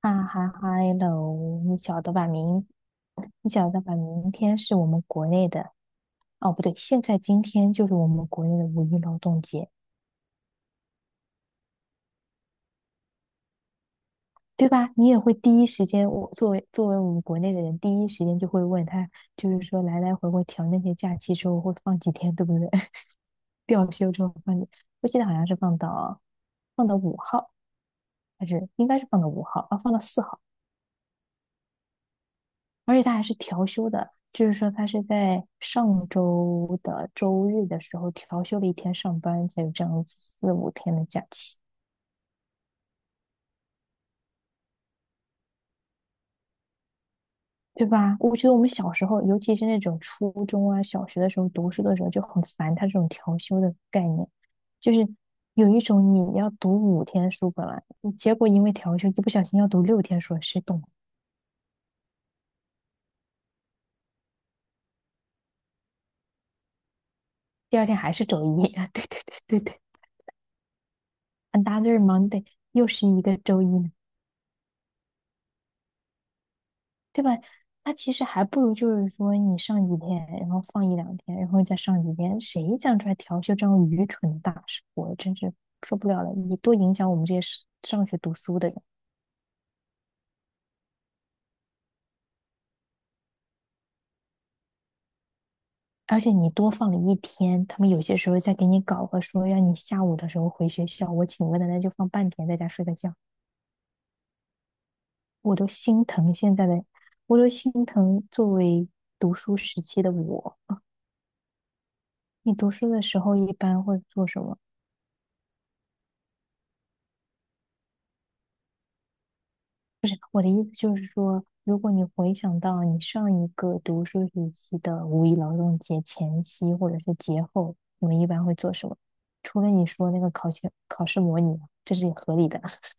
啊哈哈 h e 你晓得吧？你晓得吧？明天是我们国内的，哦，不对，现在今天就是我们国内的五一劳动节，对吧？你也会第一时间，我作为我们国内的人，第一时间就会问他，就是说来来回回调那些假期之后会放几天，对不对？调休之后我记得好像是放到五号，还是应该是放到五号啊，放到四号。而且他还是调休的，就是说他是在上周的周日的时候调休了一天上班，才有这样子四五天的假期，对吧？我觉得我们小时候，尤其是那种初中啊、小学的时候读书的时候就很烦他这种调休的概念，就是有一种你要读五天书本来，结果因为调休一不小心要读六天书，谁懂？第二天还是周一，对对对对对 a n other Monday 又是一个周一呢。对吧？他其实还不如就是说你上几天，然后放一两天，然后再上几天，谁想出来调休这样愚蠢的大事？我真是受不了了！你多影响我们这些是上学读书的人，而且你多放了一天，他们有些时候再给你搞个说让你下午的时候回学校，我请个奶奶就放半天，在家睡个觉，我都心疼现在的，我都心疼作为读书时期的我。你读书的时候一般会做什么？不是，我的意思就是说，如果你回想到你上一个读书时期的五一劳动节前夕或者是节后，你们一般会做什么？除了你说那个考前考试模拟，这是合理的。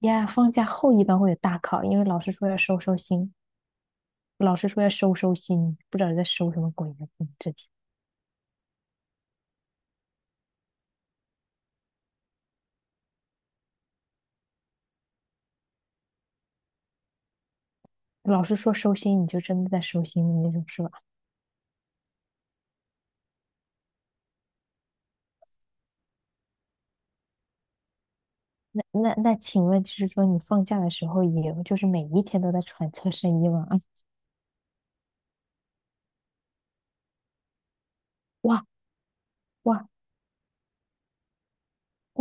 呀，放假后一般会有大考，因为老师说要收收心，老师说要收收心，不知道你在收什么鬼呢？你这老师说收心，你就真的在收心的那种，是吧？那，请问就是说，你放假的时候也就是每一天都在揣测深夜吗？啊，哇哇。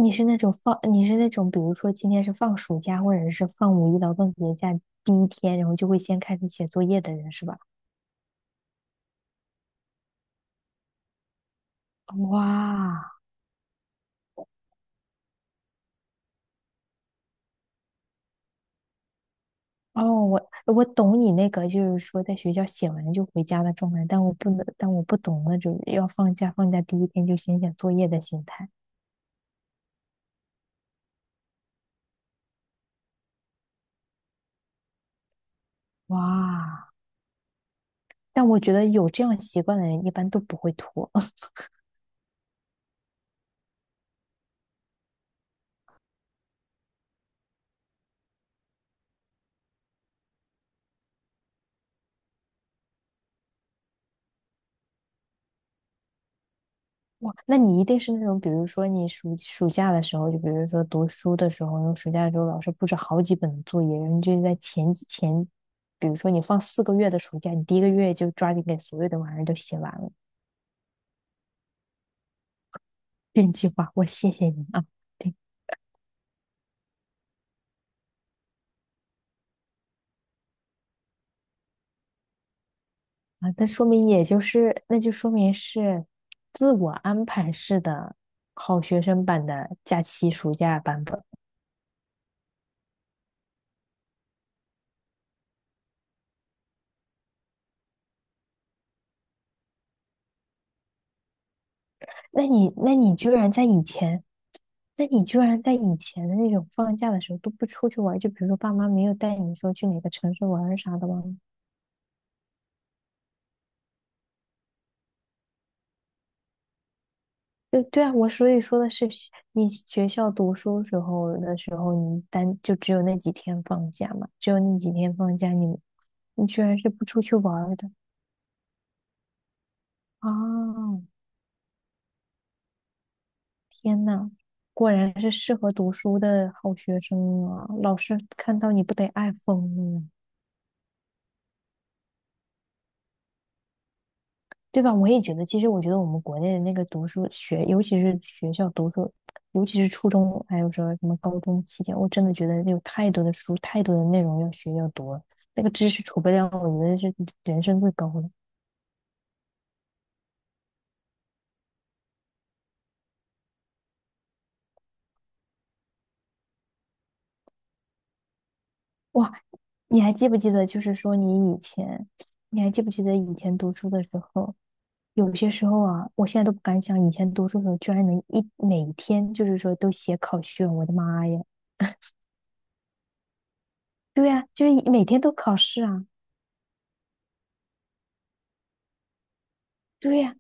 你是那种放，你是那种，比如说今天是放暑假，或者是放五一劳动节假第一天，然后就会先开始写作业的人是吧？哇，哦，我懂你那个，就是说在学校写完就回家的状态，但我不能，但我不懂那种要放假，放假第一天就先写作业的心态。哇，但我觉得有这样习惯的人一般都不会拖。哇，那你一定是那种，比如说你暑假的时候，就比如说读书的时候，你暑假的时候老师布置好几本作业，然后你就在前几前，比如说你放四个月的暑假，你第一个月就抓紧给所有的玩意儿都写完了，定计划，我谢谢你啊，对啊，那说明也就是，那就说明是自我安排式的好学生版的假期暑假版本。那你居然在以前。那你居然在以前的那种放假的时候都不出去玩就比如说爸妈没有带你说去哪个城市玩儿啥的吗？对对啊，我所以说的是你学校读书时候的时候，你单就只有那几天放假嘛，只有那几天放假你，你居然是不出去玩儿的啊！天呐，果然是适合读书的好学生啊！老师看到你不得爱疯了呀对吧？我也觉得，其实我觉得我们国内的那个读书学，尤其是学校读书，尤其是初中，还有说什么高中期间，我真的觉得有太多的书，太多的内容要学要读了，那个知识储备量，我觉得是人生最高的。哇，你还记不记得，就是说你以前，你还记不记得以前读书的时候，有些时候啊，我现在都不敢想，以前读书的时候居然能一每天就是说都写考卷，我的妈呀！对呀，就是每天都考试啊。对呀、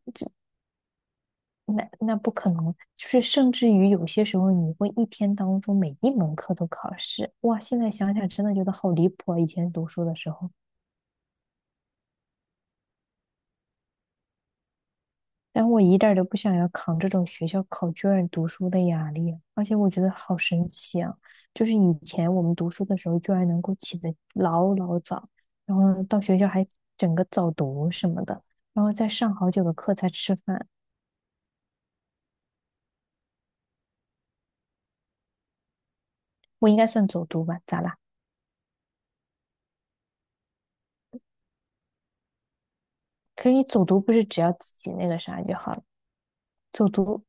那不可能，就是甚至于有些时候你会一天当中每一门课都考试，哇！现在想想真的觉得好离谱啊，以前读书的时候，但我一点儿都不想要扛这种学校考卷读书的压力啊，而且我觉得好神奇啊，就是以前我们读书的时候居然能够起得老老早，然后呢到学校还整个早读什么的，然后再上好久的课才吃饭，我应该算走读吧？咋啦？可是你走读不是只要自己那个啥就好了？走读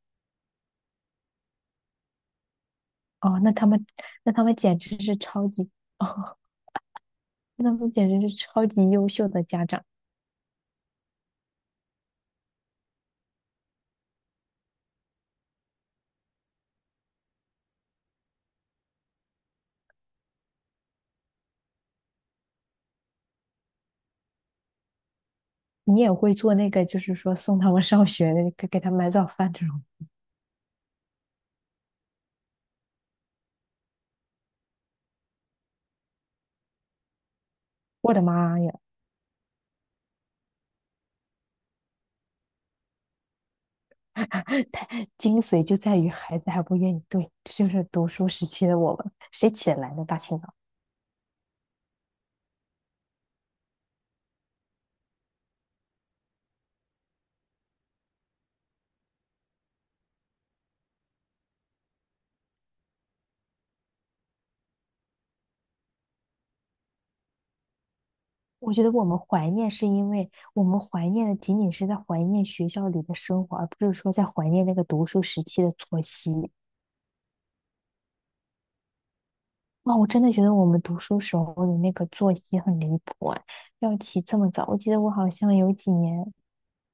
哦，那他们，那他们简直是超级 哦，那他们简直是超级优秀的家长。你也会做那个，就是说送他们上学的，给他买早饭这种。我的妈呀，太精髓就在于孩子还不愿意对，这就是读书时期的我们，谁起得来呢？大清早，我觉得我们怀念是因为我们怀念的仅仅是在怀念学校里的生活，而不是说在怀念那个读书时期的作息。哇，我真的觉得我们读书时候的那个作息很离谱哎，要起这么早。我记得我好像有几年，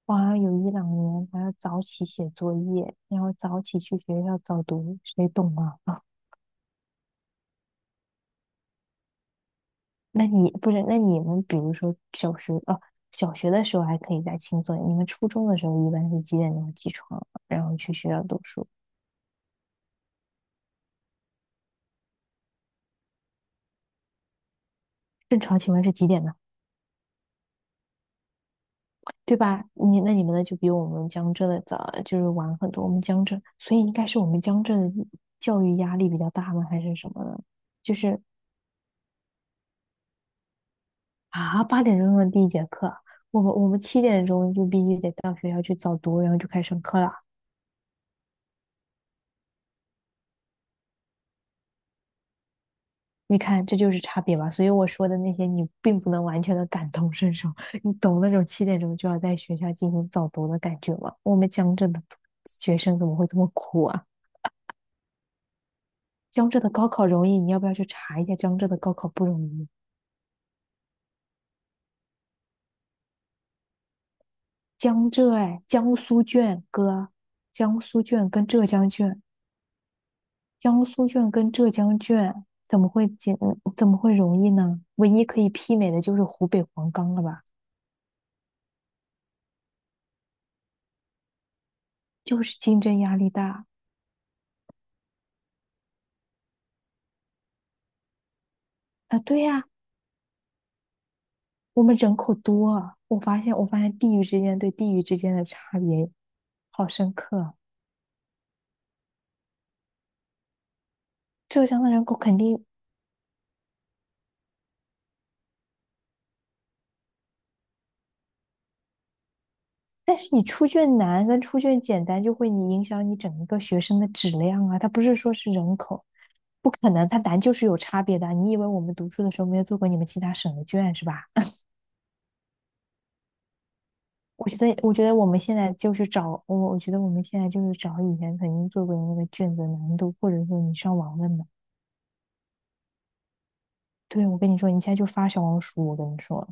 我好像有一两年还要早起写作业，然后早起去学校早读，谁懂啊？啊，那你不是？那你们比如说小学啊，小学的时候还可以再轻松一点你们初中的时候一般是几点钟起床，然后去学校读书？正常情况是几点呢？对吧？你那你们呢？就比我们江浙的早，就是晚很多。我们江浙，所以应该是我们江浙的教育压力比较大吗？还是什么呢？就是啊，八点钟的第一节课，我们七点钟就必须得到学校去早读，然后就开始上课了。你看，这就是差别吧。所以我说的那些，你并不能完全的感同身受。你懂那种七点钟就要在学校进行早读的感觉吗？我们江浙的学生怎么会这么苦啊？江浙的高考容易，你要不要去查一下江浙的高考不容易？江浙哎，江苏卷哥，江苏卷跟浙江卷，江苏卷跟浙江卷怎么会简怎么会容易呢？唯一可以媲美的就是湖北黄冈了吧？就是竞争压力大啊，对呀、我们人口多啊我发现我发现地域之间对地域之间的差别好深刻啊浙江的人口肯定但是你出卷难跟出卷简单就会你影响你整个学生的质量啊，它不是说是人口，不可能，它难就是有差别的啊。你以为我们读书的时候没有做过你们其他省的卷是吧？我觉得,我们现在就是找我，我觉得我们现在就是找以前曾经做过的那个卷子难度，或者说你上网问的。对，我跟你说，你现在就发小红书，我跟你说。